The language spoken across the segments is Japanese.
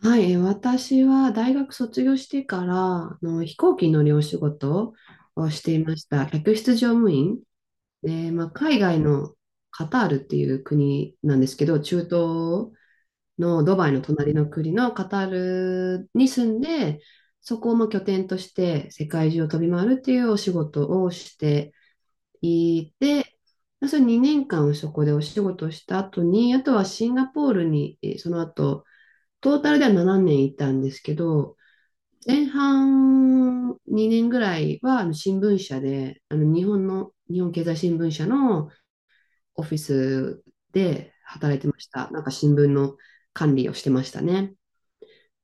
はい、私は大学卒業してから飛行機に乗るお仕事をしていました。客室乗務員で、まあ、海外のカタールっていう国なんですけど、中東のドバイの隣の国のカタールに住んで、そこをまあ拠点として世界中を飛び回るっていうお仕事をしていて、まあそれ2年間そこでお仕事をした後に、あとはシンガポールにその後トータルでは7年いたんですけど、前半2年ぐらいは新聞社で、日本経済新聞社のオフィスで働いてました。なんか新聞の管理をしてましたね。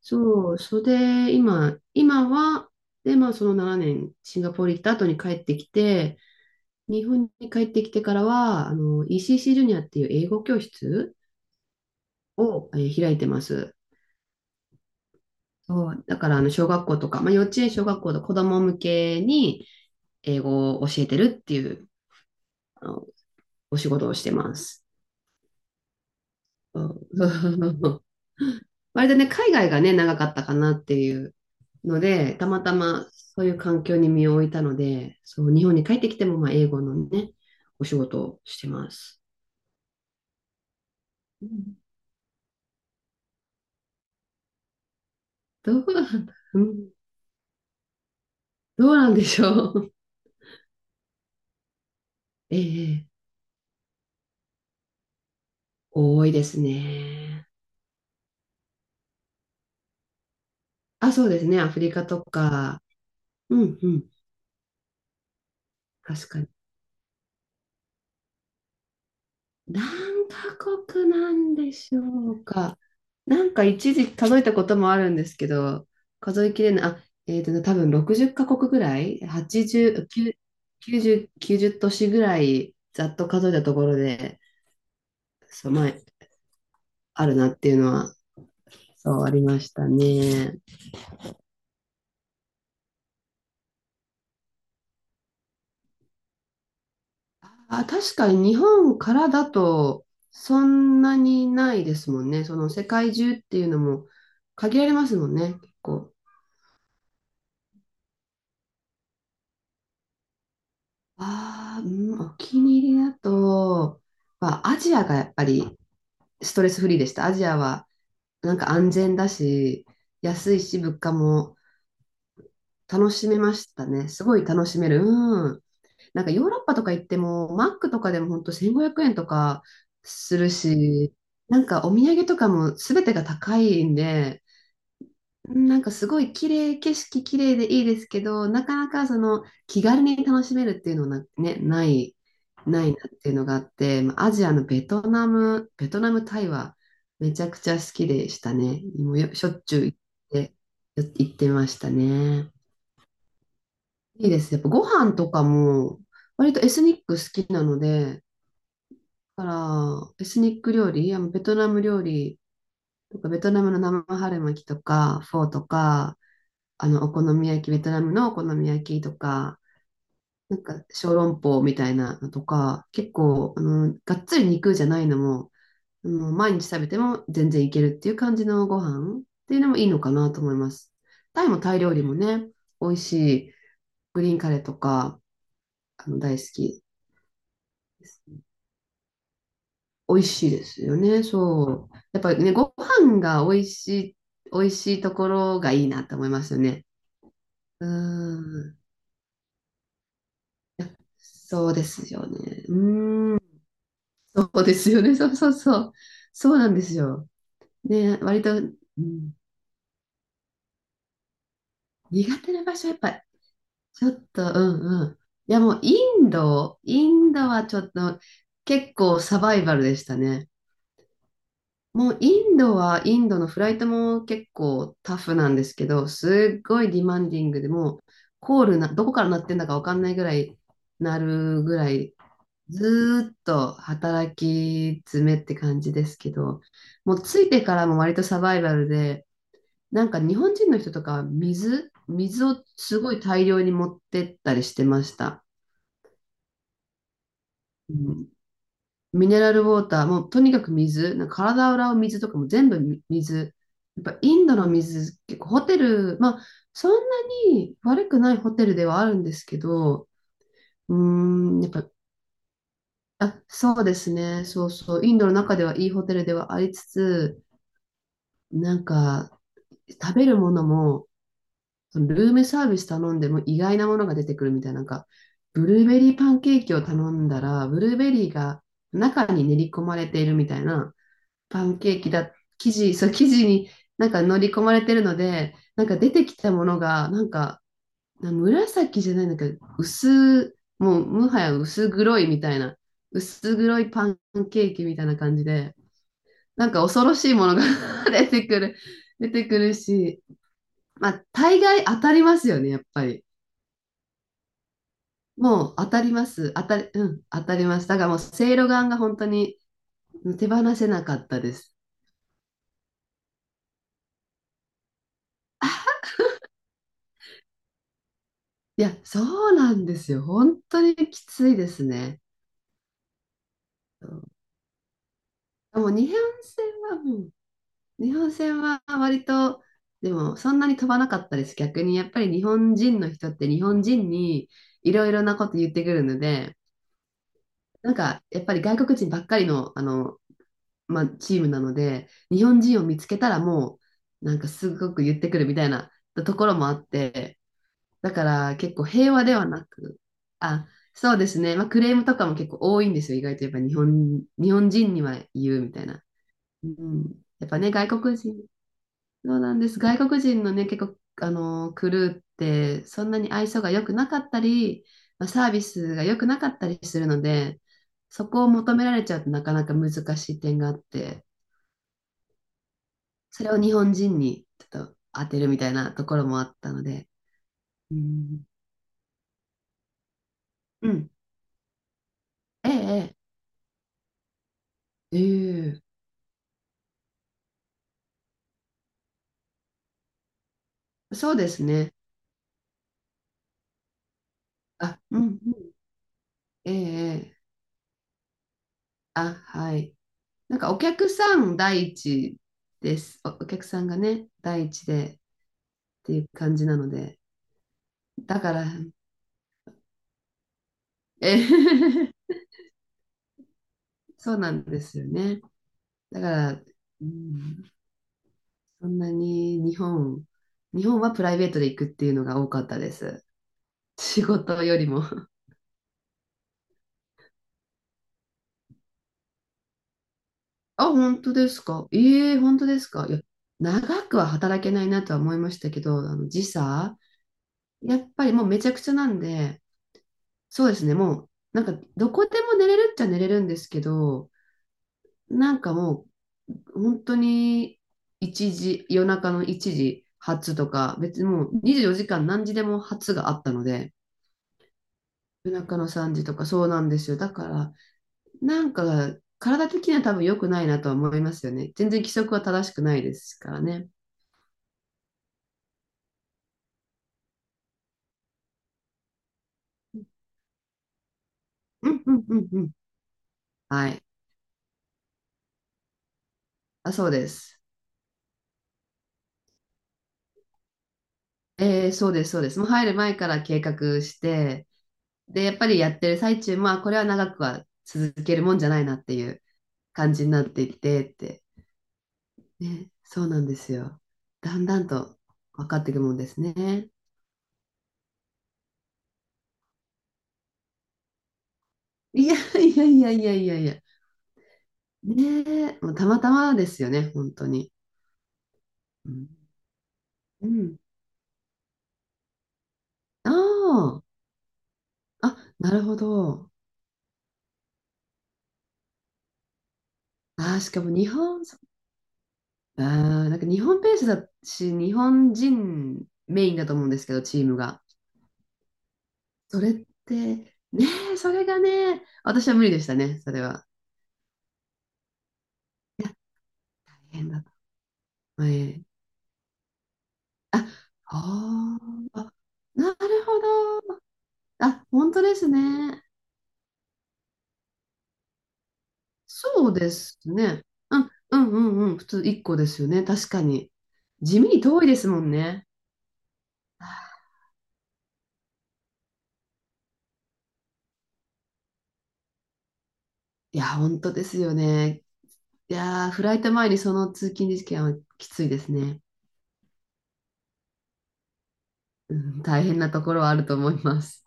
そう、それで今は、で、まあその7年、シンガポール行った後に帰ってきて、日本に帰ってきてからは、あの ECC ジュニアっていう英語教室を、開いてます。そう、だからあの小学校とか、まあ、幼稚園、小学校の子ども向けに英語を教えてるっていうあのお仕事をしてます。うん。 割とね、海外がね、長かったかなっていうので、たまたまそういう環境に身を置いたので、そう、日本に帰ってきてもまあ英語のね、お仕事をしてます。うん、どうなんだ、うん、どうなんでしょう。ええ、多いですね。あ、そうですね、アフリカとか。うんうん、確かに。何カ国なんでしょうか。なんか一時数えたこともあるんですけど、数えきれない、あ、えっとね、多分60カ国ぐらい、80、90、90都市ぐらい、ざっと数えたところで、そう、前、あるなっていうのは、そう、ありましたね。あ、確かに日本からだと、そんなにないですもんね。その世界中っていうのも限られますもんね、結構。ああ、うん、お気に入りだと、まあ、アジアがやっぱりストレスフリーでした。アジアはなんか安全だし、安いし、物価も楽しめましたね。すごい楽しめる。うん。なんかヨーロッパとか行っても、マックとかでも本当1500円とかするし、なんかお土産とかも全てが高いんで、なんかすごい綺麗、景色綺麗でいいですけど、なかなかその気軽に楽しめるっていうのはな、ね、ない、ないなっていうのがあって、まあアジアのベトナム、ベトナム、タイはめちゃくちゃ好きでしたね。もうよしょっちゅう行って、よ行ってましたね。いいです。やっぱご飯とかも割とエスニック好きなので、だからエスニック料理、あのベトナム料理とか、ベトナムの生春巻きとか、フォーとか、あの、お好み焼き、ベトナムのお好み焼きとか、なんか小籠包みたいなのとか、結構、あの、がっつり肉じゃないのも、あの、毎日食べても全然いけるっていう感じのご飯っていうのもいいのかなと思います。タイもタイ料理もね、美味しい。グリーンカレーとか、あの、大好きです。美味しいですよね、そう。やっぱりね、ご飯が美味しい、美味しいところがいいなと思いますよね。うーん、そうですよね。うーん。そうですよね。そうそうそう。そうなんですよ。ね、割と、うん、苦手な場所、やっぱ、ちょっと、うんうん。いや、もう、インド、インドはちょっと、結構サバイバルでしたね。もう、インドは、インドのフライトも結構タフなんですけど、すっごいディマンディングでもう、コールな、どこから鳴ってんだかわかんないぐらい、鳴るぐらいずーっと働き詰めって感じですけど、もう着いてからも割とサバイバルで、なんか日本人の人とかは水、水をすごい大量に持ってったりしてました。うん、ミネラルウォーター、もうとにかく水、なんか体を洗う水とかも全部み水。やっぱインドの水、結構ホテル、まあそんなに悪くないホテルではあるんですけど、うーん、やっぱ、あ、そうですね、そうそう、インドの中ではいいホテルではありつつ、なんか、食べるものも、そのルームサービス頼んでも意外なものが出てくるみたいな、なんか、ブルーベリーパンケーキを頼んだら、ブルーベリーが中に練り込まれているみたいな、パンケーキだ、生地、そう、生地になんか乗り込まれてるので、なんか出てきたものが、なんか、な紫じゃないんだけど、薄、もうもはや薄黒いみたいな、薄黒いパンケーキみたいな感じで、なんか恐ろしいものが 出てくる、出てくるし、まあ、大概当たりますよね、やっぱり。もう当たります。当たり、うん、当たります。だからもう、せいろがんが本当に手放せなかったです。いや、そうなんですよ。本当にきついですね。うん、もう日本戦は、うん、日本戦は割と、でもそんなに飛ばなかったです。逆にやっぱり日本人の人って日本人にいろいろなこと言ってくるので、なんかやっぱり外国人ばっかりの、まあ、チームなので、日本人を見つけたらもう、なんかすごく言ってくるみたいなところもあって、だから結構平和ではなく、あ、そうですね、まあ、クレームとかも結構多いんですよ、意外とやっぱ日本人には言うみたいな。うん、やっぱね、外国人、そうなんです、外国人のね、結構、クルーってそんなに愛想が良くなかったり、まあ、サービスが良くなかったりするので、そこを求められちゃうとなかなか難しい点があって。それを日本人にちょっと当てるみたいなところもあったので。うん。うん。ええ、ええ、そうですね。あ、うん、うん。ええ、ええ、あ、はい。なんかお客さん第一です。お、お客さんがね、第一でっていう感じなので。だから、ええ、 そうなんですよね。だから、うん、そんなに日本、日本はプライベートで行くっていうのが多かったです。仕事よりも。あ、本当ですか。ええ本当ですか。いや、長くは働けないなとは思いましたけど、あの時差、やっぱりもうめちゃくちゃなんで、そうですね、もう、なんか、どこでも寝れるっちゃ寝れるんですけど、なんかもう、本当に、一時、夜中の1時発とか、別にもう24時間何時でも発があったので、夜中の3時とか、そうなんですよ。だから、なんか、体的には多分良くないなとは思いますよね。全然規則は正しくないですからね。うんうんうんうん。はい。あ、そうです。えー、そうです、そうです。もう入る前から計画して、で、やっぱりやってる最中、まあ、これは長くは続けるもんじゃないなっていう感じになっていってって。ね、そうなんですよ。だんだんと分かっていくもんですね。いやいやいやいやいやいや。ねえ、もうたまたまですよね、本当に。うん。うん、ああ、あ、なるほど。ああ、しかも日本、あーなんか日本ペースだし、日本人メインだと思うんですけど、チームが。それって、ねえ、それがね、私は無理でしたね、それは。いや、大変だと。はい。あ、あーあ、なるほど。あ、本当ですね。そうですね。うん、うん、うん、うん。普通1個ですよね、確かに。地味に遠いですもんね。いや、本当ですよね。いやー、フライト前にその通勤時間はきついですね。うん、大変なところはあると思います。